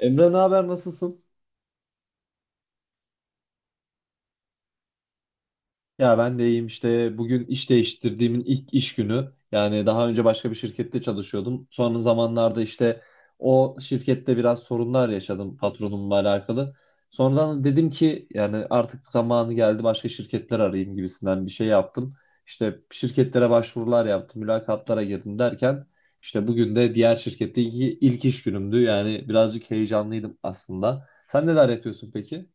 Emre ne haber nasılsın? Ya ben de iyiyim işte bugün iş değiştirdiğimin ilk iş günü. Yani daha önce başka bir şirkette çalışıyordum. Son zamanlarda işte o şirkette biraz sorunlar yaşadım patronumla alakalı. Sonradan dedim ki yani artık zamanı geldi başka şirketler arayayım gibisinden bir şey yaptım. İşte şirketlere başvurular yaptım, mülakatlara girdim derken işte bugün de diğer şirketteki ilk iş günümdü. Yani birazcık heyecanlıydım aslında. Sen neler yapıyorsun peki?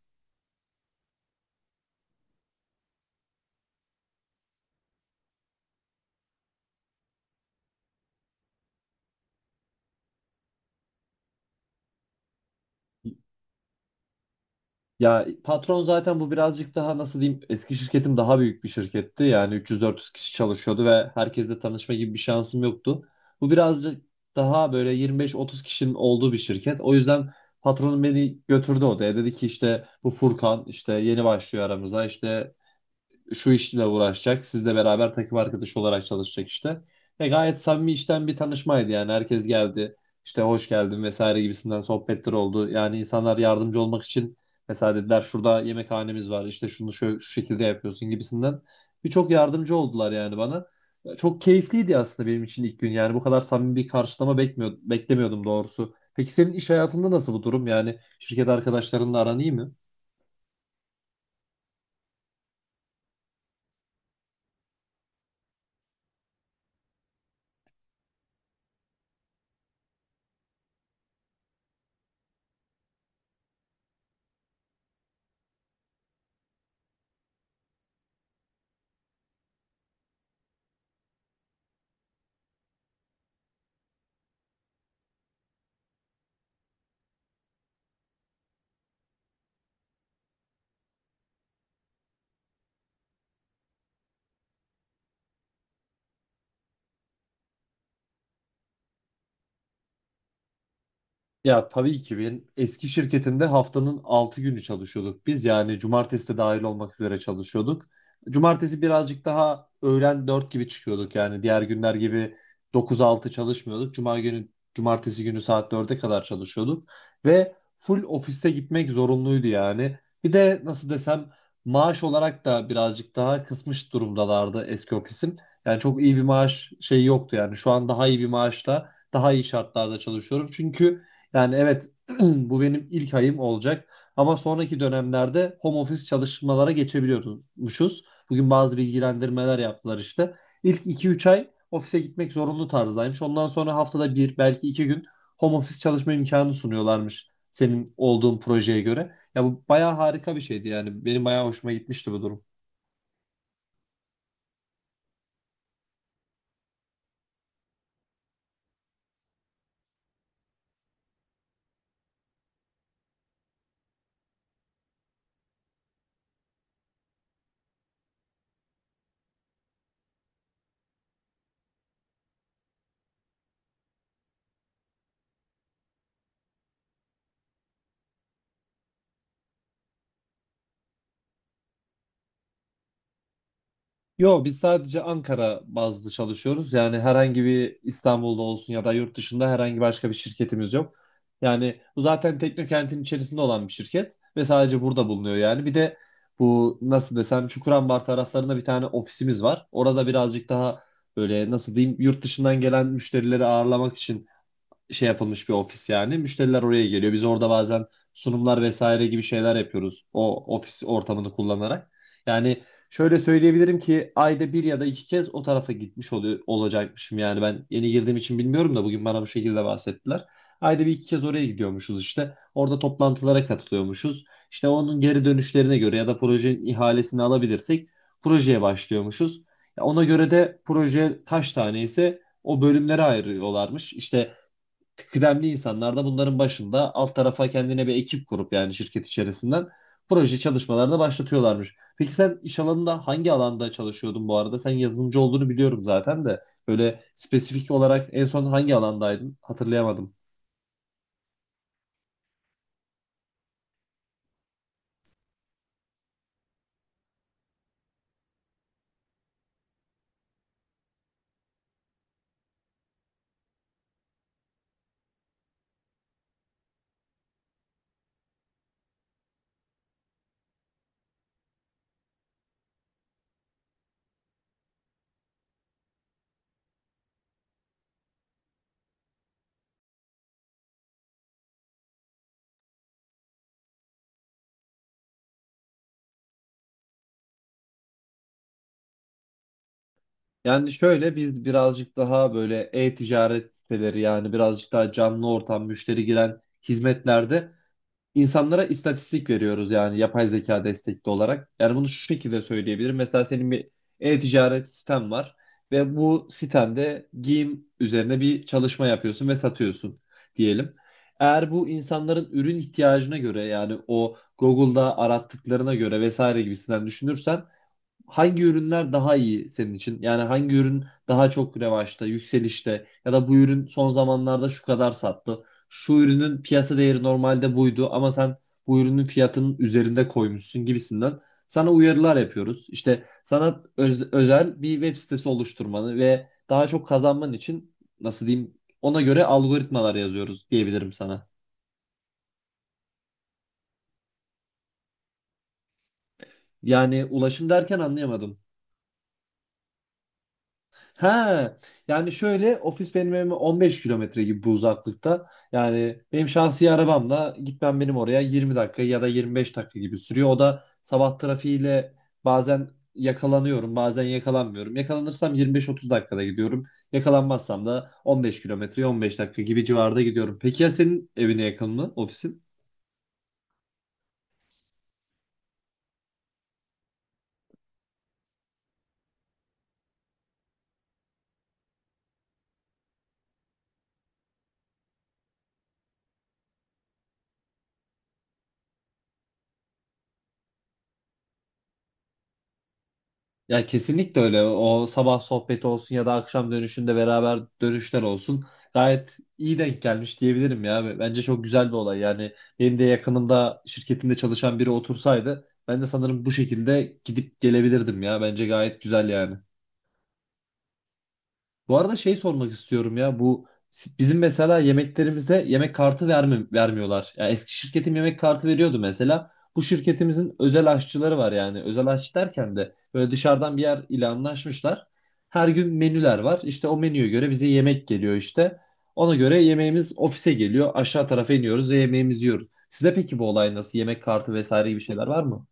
Ya patron zaten bu birazcık daha nasıl diyeyim eski şirketim daha büyük bir şirketti. Yani 300-400 kişi çalışıyordu ve herkesle tanışma gibi bir şansım yoktu. Bu birazcık daha böyle 25-30 kişinin olduğu bir şirket. O yüzden patronum beni götürdü odaya. Dedi ki işte bu Furkan işte yeni başlıyor aramıza işte şu işle uğraşacak. Sizle beraber takım arkadaşı olarak çalışacak işte. Ve gayet samimi işten bir tanışmaydı yani. Herkes geldi. İşte hoş geldin vesaire gibisinden sohbetler oldu. Yani insanlar yardımcı olmak için mesela dediler şurada yemekhanemiz var. İşte şunu şu şekilde yapıyorsun gibisinden. Birçok yardımcı oldular yani bana. Çok keyifliydi aslında benim için ilk gün. Yani bu kadar samimi bir karşılama beklemiyordum doğrusu. Peki senin iş hayatında nasıl bu durum? Yani şirket arkadaşlarınla aran iyi mi? Ya tabii ki benim eski şirketimde haftanın 6 günü çalışıyorduk biz. Yani cumartesi de dahil olmak üzere çalışıyorduk. Cumartesi birazcık daha öğlen 4 gibi çıkıyorduk. Yani diğer günler gibi 9-6 çalışmıyorduk. Cuma günü, cumartesi günü saat 4'e kadar çalışıyorduk. Ve full ofise gitmek zorunluydu yani. Bir de nasıl desem maaş olarak da birazcık daha kısmış durumdalardı eski ofisim. Yani çok iyi bir maaş şeyi yoktu yani. Şu an daha iyi bir maaşla daha iyi şartlarda çalışıyorum. Çünkü yani evet bu benim ilk ayım olacak ama sonraki dönemlerde home office çalışmalara geçebiliyormuşuz. Bugün bazı bilgilendirmeler yaptılar işte. İlk 2-3 ay ofise gitmek zorunlu tarzdaymış. Ondan sonra haftada bir belki iki gün home office çalışma imkanı sunuyorlarmış senin olduğun projeye göre. Ya bu bayağı harika bir şeydi yani. Benim bayağı hoşuma gitmişti bu durum. Yo, biz sadece Ankara bazlı çalışıyoruz. Yani herhangi bir İstanbul'da olsun ya da yurt dışında herhangi başka bir şirketimiz yok. Yani bu zaten Teknokent'in içerisinde olan bir şirket ve sadece burada bulunuyor yani. Bir de bu nasıl desem Çukurambar taraflarında bir tane ofisimiz var. Orada birazcık daha böyle nasıl diyeyim yurt dışından gelen müşterileri ağırlamak için şey yapılmış bir ofis yani. Müşteriler oraya geliyor. Biz orada bazen sunumlar vesaire gibi şeyler yapıyoruz o ofis ortamını kullanarak. Yani şöyle söyleyebilirim ki ayda bir ya da iki kez o tarafa gitmiş oluyor, olacakmışım yani. Ben yeni girdiğim için bilmiyorum da bugün bana bu şekilde bahsettiler. Ayda bir iki kez oraya gidiyormuşuz işte. Orada toplantılara katılıyormuşuz. İşte onun geri dönüşlerine göre ya da projenin ihalesini alabilirsek projeye başlıyormuşuz. Ya ona göre de proje kaç tane ise o bölümlere ayırıyorlarmış. İşte kıdemli insanlar da bunların başında alt tarafa kendine bir ekip kurup yani şirket içerisinden proje çalışmalarına başlatıyorlarmış. Peki sen iş alanında hangi alanda çalışıyordun bu arada? Sen yazılımcı olduğunu biliyorum zaten de böyle spesifik olarak en son hangi alandaydın? Hatırlayamadım. Yani şöyle biz birazcık daha böyle e-ticaret siteleri yani birazcık daha canlı ortam müşteri giren hizmetlerde insanlara istatistik veriyoruz yani yapay zeka destekli olarak. Yani bunu şu şekilde söyleyebilirim. Mesela senin bir e-ticaret siten var ve bu sitende giyim üzerine bir çalışma yapıyorsun ve satıyorsun diyelim. Eğer bu insanların ürün ihtiyacına göre yani o Google'da arattıklarına göre vesaire gibisinden düşünürsen hangi ürünler daha iyi senin için? Yani hangi ürün daha çok revaçta, yükselişte ya da bu ürün son zamanlarda şu kadar sattı. Şu ürünün piyasa değeri normalde buydu ama sen bu ürünün fiyatının üzerinde koymuşsun gibisinden sana uyarılar yapıyoruz. İşte sana özel bir web sitesi oluşturmanı ve daha çok kazanman için nasıl diyeyim ona göre algoritmalar yazıyoruz diyebilirim sana. Yani ulaşım derken anlayamadım. Ha, yani şöyle ofis benim evime 15 kilometre gibi bu uzaklıkta. Yani benim şahsi arabamla gitmem benim oraya 20 dakika ya da 25 dakika gibi sürüyor. O da sabah trafiğiyle bazen yakalanıyorum, bazen yakalanmıyorum. Yakalanırsam 25-30 dakikada gidiyorum. Yakalanmazsam da 15 kilometre, 15 dakika gibi civarda gidiyorum. Peki ya senin evine yakın mı ofisin? Ya kesinlikle öyle. O sabah sohbeti olsun ya da akşam dönüşünde beraber dönüşler olsun. Gayet iyi denk gelmiş diyebilirim ya. Bence çok güzel bir olay. Yani benim de yakınımda şirketinde çalışan biri otursaydı ben de sanırım bu şekilde gidip gelebilirdim ya. Bence gayet güzel yani. Bu arada şey sormak istiyorum ya bu bizim mesela yemeklerimize yemek kartı vermiyorlar. Ya eski şirketim yemek kartı veriyordu mesela. Bu şirketimizin özel aşçıları var yani. Özel aşçı derken de böyle dışarıdan bir yer ile anlaşmışlar. Her gün menüler var. İşte o menüye göre bize yemek geliyor işte. Ona göre yemeğimiz ofise geliyor. Aşağı tarafa iniyoruz ve yemeğimizi yiyoruz. Size peki bu olay nasıl? Yemek kartı vesaire gibi şeyler var mı?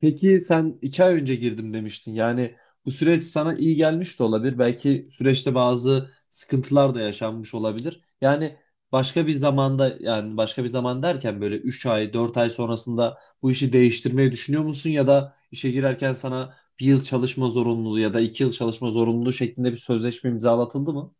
Peki sen 2 ay önce girdim demiştin. Yani bu süreç sana iyi gelmiş de olabilir. Belki süreçte bazı sıkıntılar da yaşanmış olabilir. Yani başka bir zamanda yani başka bir zaman derken böyle 3 ay 4 ay sonrasında bu işi değiştirmeyi düşünüyor musun? Ya da işe girerken sana bir yıl çalışma zorunluluğu ya da 2 yıl çalışma zorunluluğu şeklinde bir sözleşme imzalatıldı mı?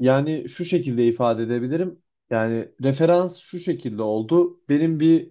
Yani şu şekilde ifade edebilirim. Yani referans şu şekilde oldu. Benim bir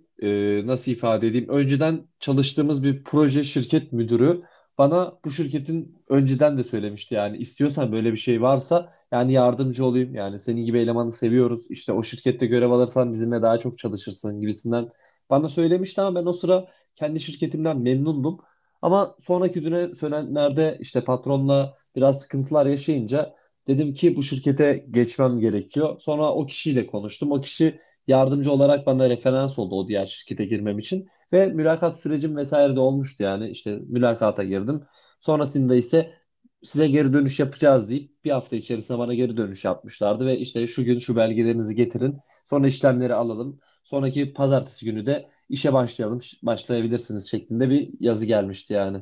nasıl ifade edeyim? Önceden çalıştığımız bir proje şirket müdürü bana bu şirketin önceden de söylemişti. Yani istiyorsan böyle bir şey varsa yani yardımcı olayım. Yani senin gibi elemanı seviyoruz. İşte o şirkette görev alırsan bizimle daha çok çalışırsın gibisinden bana söylemişti ama ben o sıra kendi şirketimden memnundum. Ama sonraki güne söylenenlerde işte patronla biraz sıkıntılar yaşayınca dedim ki bu şirkete geçmem gerekiyor. Sonra o kişiyle konuştum. O kişi yardımcı olarak bana referans oldu o diğer şirkete girmem için. Ve mülakat sürecim vesaire de olmuştu yani. İşte mülakata girdim. Sonrasında ise size geri dönüş yapacağız deyip bir hafta içerisinde bana geri dönüş yapmışlardı. Ve işte şu gün şu belgelerinizi getirin. Sonra işlemleri alalım. Sonraki pazartesi günü de işe başlayalım, başlayabilirsiniz şeklinde bir yazı gelmişti yani.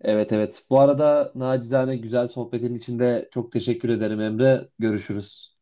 Evet evet. Bu arada nacizane güzel sohbetin içinde çok teşekkür ederim Emre. Görüşürüz.